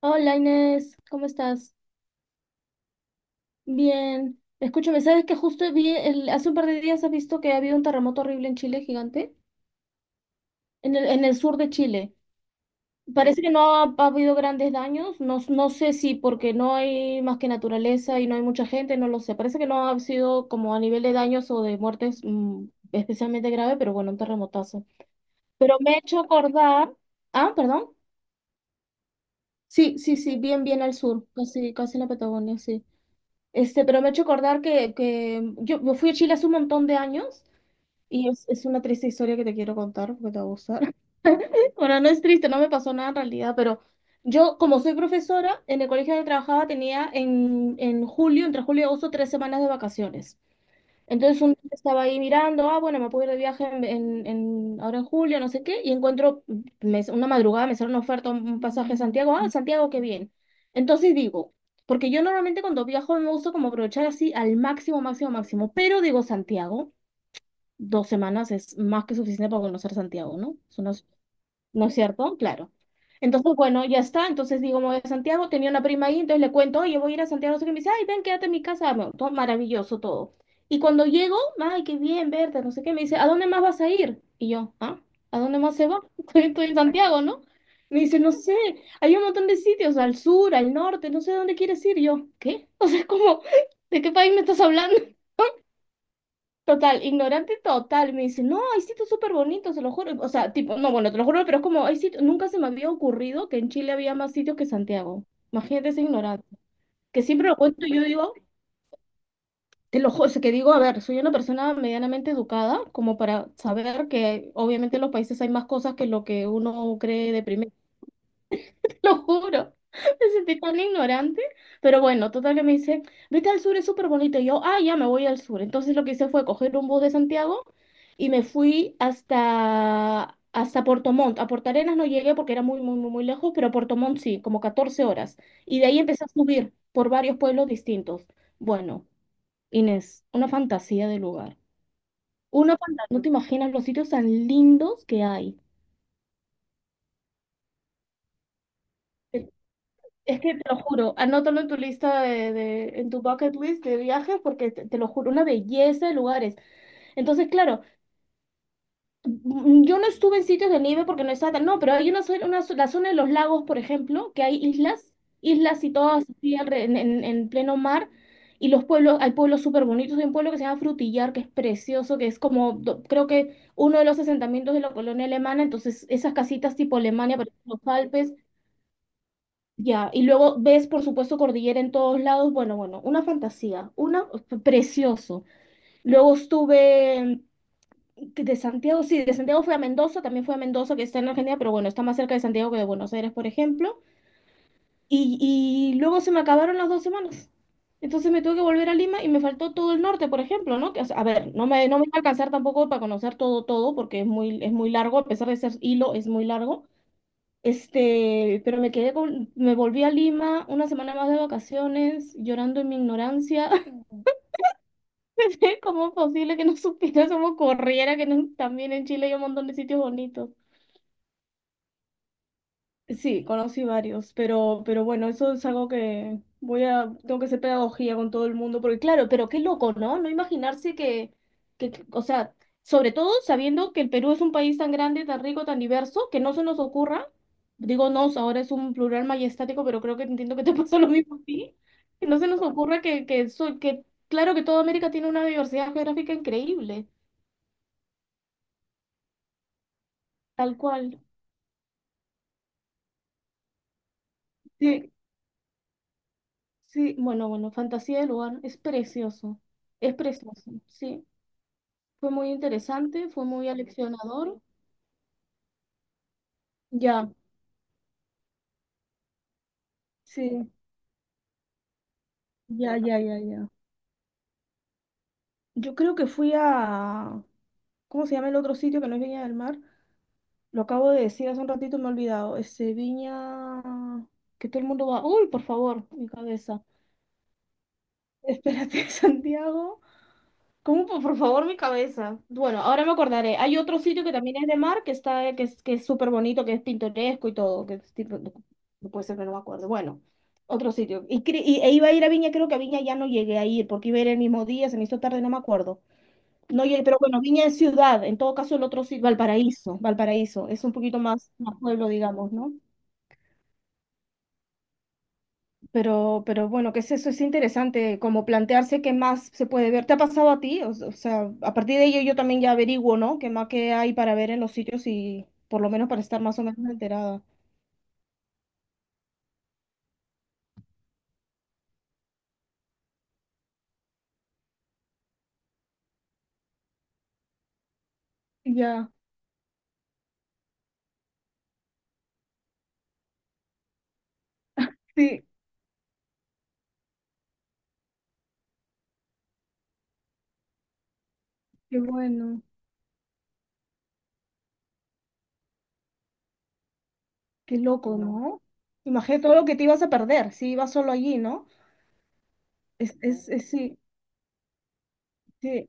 Hola Inés, ¿cómo estás? Bien. Escúchame, ¿sabes que justo hace un par de días has visto que ha habido un terremoto horrible en Chile, gigante? En el sur de Chile. Parece que no ha habido grandes daños. No, no sé si porque no hay más que naturaleza y no hay mucha gente, no lo sé. Parece que no ha sido como a nivel de daños o de muertes especialmente grave, pero bueno, un terremotazo. Pero me he hecho acordar. Ah, perdón. Sí, sí, sí, bien, bien al sur, casi, casi en la Patagonia, sí. Pero me ha hecho acordar que yo fui a Chile hace un montón de años y es una triste historia que te quiero contar porque te va a gustar. Bueno, no es triste, no me pasó nada en realidad, pero yo, como soy profesora, en el colegio donde trabajaba tenía en julio, entre julio y agosto, 3 semanas de vacaciones. Entonces un día estaba ahí mirando, ah, bueno, me puedo ir de viaje ahora en julio, no sé qué, y encuentro, una madrugada me sale una oferta, un pasaje a Santiago, ah, Santiago, qué bien. Entonces digo, porque yo normalmente cuando viajo me gusta como aprovechar así al máximo, máximo, máximo, pero digo Santiago, 2 semanas es más que suficiente para conocer Santiago, ¿no? Es una ¿No es cierto? Claro. Entonces, bueno, ya está. Entonces digo, me voy a Santiago. Tenía una prima ahí, entonces le cuento, oye, voy a ir a Santiago. No sé qué. Me dice, ay, ven, quédate en mi casa. Bueno, todo maravilloso todo. Y cuando llego, ay, qué bien verte, no sé qué. Me dice, ¿a dónde más vas a ir? Y yo, ¿ah? ¿A dónde más se va? Estoy en Santiago, ¿no? Me dice, no sé, hay un montón de sitios, al sur, al norte, no sé dónde quieres ir. Y yo, ¿qué? O sea, es como, ¿de qué país me estás hablando? Total, ignorante total, me dice, no, hay sitios súper bonitos, se lo juro. O sea, tipo, no, bueno, te lo juro, pero es como, hay sitios, nunca se me había ocurrido que en Chile había más sitios que Santiago. Imagínate ese ignorante. Que siempre lo cuento y yo digo, te lo juro, o sea, que digo, a ver, soy una persona medianamente educada, como para saber que obviamente en los países hay más cosas que lo que uno cree de primera. Lo juro. Me sentí tan ignorante. Pero bueno, total que me dice, vete al sur, es súper bonito. Y yo, ah, ya me voy al sur. Entonces lo que hice fue coger un bus de Santiago y me fui hasta Puerto Montt. A Puerto Arenas no llegué porque era muy, muy, muy, muy lejos, pero a Puerto Montt sí, como 14 horas. Y de ahí empecé a subir por varios pueblos distintos. Bueno, Inés, una fantasía de lugar. Una fantasía, no te imaginas los sitios tan lindos que hay. Es que te lo juro, anótalo en tu lista en tu bucket list de viajes, porque te lo juro, una belleza de lugares. Entonces, claro, yo no estuve en sitios de nieve porque no estaba tan, no, pero hay una, zona- una zo- la zona de los lagos, por ejemplo, que hay islas, islas y todas así en pleno mar, y los pueblos, hay pueblos súper bonitos, hay un pueblo que se llama Frutillar, que es precioso, que es como, creo que uno de los asentamientos de la colonia alemana, entonces esas casitas tipo Alemania, pero en los Alpes. Ya, y luego ves, por supuesto, cordillera en todos lados. Bueno, bueno, una fantasía, una precioso. Luego de Santiago, sí, de Santiago fui a Mendoza, también fui a Mendoza, que está en Argentina, pero bueno, está más cerca de Santiago que de Buenos Aires, por ejemplo. Y luego se me acabaron las 2 semanas. Entonces me tuve que volver a Lima y me faltó todo el norte, por ejemplo, ¿no? Que, o sea, a ver, no me iba a alcanzar tampoco para conocer todo, todo, porque es muy largo, a pesar de ser hilo, es muy largo. Pero me volví a Lima una semana más de vacaciones, llorando en mi ignorancia. ¿Cómo es posible que no supiera cómo corriera, que no- también en Chile hay un montón de sitios bonitos? Sí, conocí varios, pero bueno, eso es algo que tengo que hacer pedagogía con todo el mundo, porque claro, pero qué loco, ¿no? No imaginarse o sea, sobre todo sabiendo que el Perú es un país tan grande, tan rico, tan diverso, que no se nos ocurra, digo nos, ahora es un plural majestático, pero creo que entiendo que te pasó lo mismo a ti, que no se nos ocurra que claro que toda América tiene una diversidad geográfica increíble, tal cual. Sí, bueno, bueno, fantasía del lugar, es precioso, sí. Fue muy interesante, fue muy aleccionador. Ya, sí, ya, ya, ya, ya. Yo creo que ¿cómo se llama el otro sitio que no es Viña del Mar? Lo acabo de decir hace un ratito, me he olvidado. Viña, que todo el mundo va, uy, por favor, mi cabeza. Espérate, Santiago. ¿Cómo? Por favor, mi cabeza. Bueno, ahora me acordaré. Hay otro sitio que también es de mar, que está, que es súper bonito, que es pintoresco y todo, no no puede ser que no me acuerdo. Bueno, otro sitio. E iba a ir a Viña, creo que a Viña ya no llegué a ir, porque iba a ir el mismo día, se me hizo tarde, no me acuerdo. No llegué, pero bueno, Viña es ciudad, en todo caso el otro sitio, Valparaíso, Valparaíso, es un poquito más, más pueblo, digamos, ¿no? Pero bueno, ¿que es eso? Es interesante como plantearse qué más se puede ver. ¿Te ha pasado a ti? O sea, a partir de ello yo también ya averiguo, ¿no? ¿Qué más que hay para ver en los sitios y por lo menos para estar más o menos enterada? Ya, sí, qué bueno, qué loco, ¿no? Imagínate todo lo que te ibas a perder si ibas solo allí, ¿no? Sí, sí.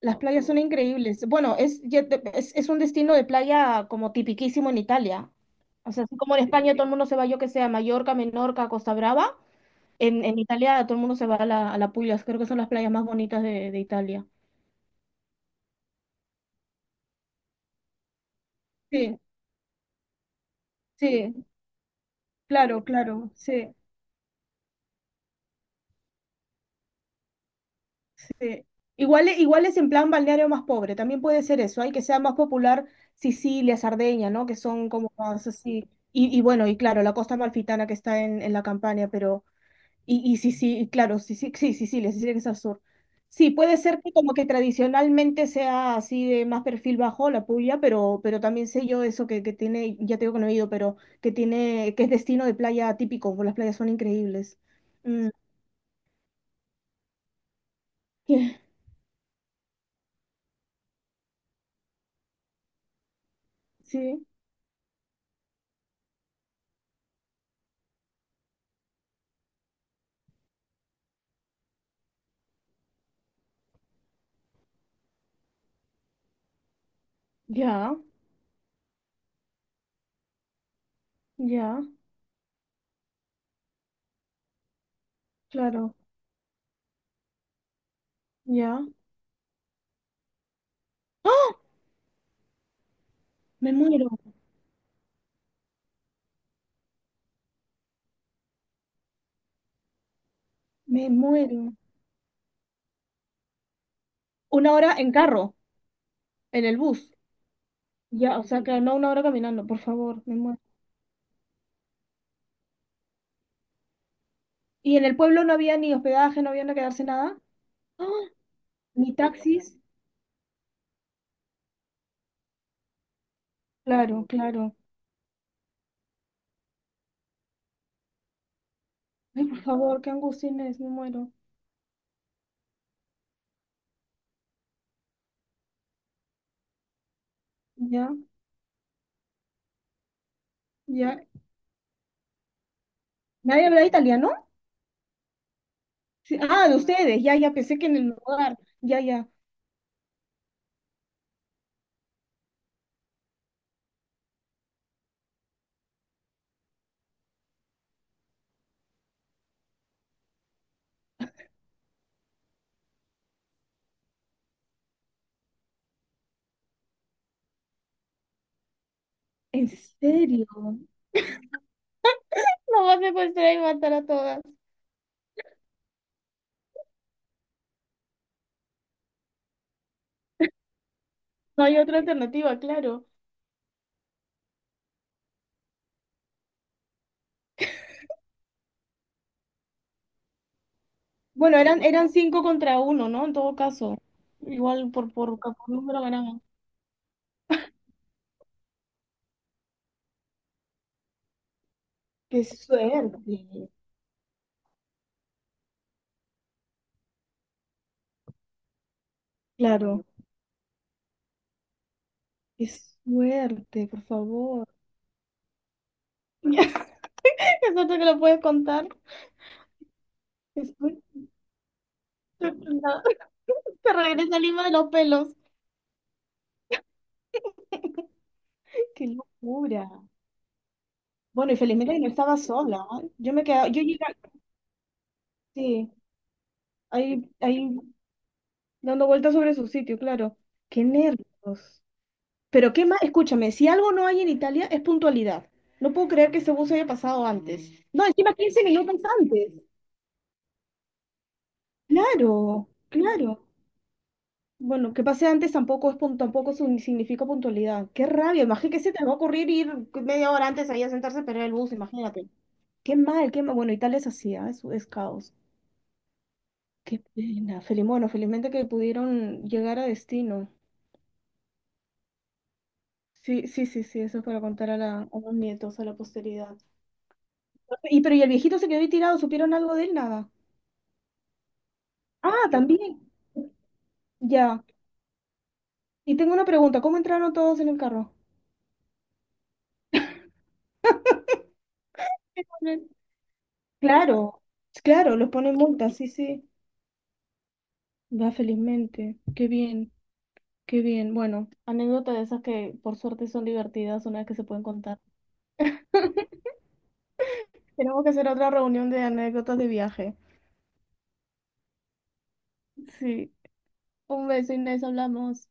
Las playas son increíbles. Bueno, es, ya te- es un destino de playa como tipiquísimo en Italia. O sea, así como en España todo el mundo se va, yo que sea, a Mallorca, Menorca, Costa Brava. En Italia todo el mundo se va a la Puglia, creo que son las playas más bonitas de Italia. Sí, sí, claro, claro, sí, sí. Igual, igual es en plan balneario más pobre, también puede ser eso, hay que sea más popular Sicilia, Sardeña, ¿no? Que son como más así. Y bueno, y claro, la costa amalfitana que está en la campaña, pero... Y sí, sí, claro, sí, sí, sí, sí, sí, les decía que es azul. Sí, puede ser que como que tradicionalmente sea así de más perfil bajo la puya, pero también sé yo eso que tiene, ya te digo que no he ido, pero que tiene, que es destino de playa típico, porque las playas son increíbles. Mm, que- sí, ya, ya, claro, ya. ¡Ah! Me muero, me muero. Una hora en carro, en el bus. Ya, o sea que no una hora caminando, por favor, me muero. ¿Y en el pueblo no había ni hospedaje, no había que quedarse nada? ¡Ah! Ni taxis. Claro, claro. Ay, por favor, qué angustia Inés, me muero. Ya, ya. ¿Nadie habla italiano? Sí. Ah, de ustedes. Ya, ya, pensé que en el lugar. Ya, ya. ¿En serio? No va a secuestrar y matar a todas. No hay otra alternativa, claro. Bueno, eran cinco contra uno, ¿no? En todo caso. Igual por número ganamos. Qué suerte. Claro, qué suerte, por favor. Es otro que lo puedes contar. Estoy sorprendida. Te regresa el hilo de los pelos. Qué locura. Bueno, y felizmente que no estaba sola, ¿eh? Yo me quedaba, yo llegaba, sí, ahí, ahí dando vueltas sobre su sitio, claro. Qué nervios. Pero qué más, escúchame, si algo no hay en Italia es puntualidad. No puedo creer que ese bus haya pasado antes. No, encima 15 minutos antes. Claro, claro. Bueno, que pase antes tampoco es pun- tampoco sun- significa puntualidad. Qué rabia, imagínate que se te va a ocurrir ir media hora antes ahí a sentarse a esperar el bus, imagínate. Qué mal, qué mal. Bueno, Italia es así, ¿ah? Es caos. Qué pena. Bueno, felizmente que pudieron llegar a destino. Sí, sí, sí, sí, eso es para contar a, la, a los nietos, a la posteridad. Y pero y el viejito se quedó ahí tirado, ¿supieron algo de él? Nada. Ah, también. Ya. Y tengo una pregunta, ¿cómo entraron todos en el carro? ¿Qué ponen? Claro, claro, los ponen multas. Sí, sí. Va felizmente. Qué bien, qué bien. Bueno, anécdotas de esas que por suerte son divertidas una vez que se pueden contar. Tenemos que hacer otra reunión de anécdotas de viaje. Sí. Un beso, Inés, hablamos.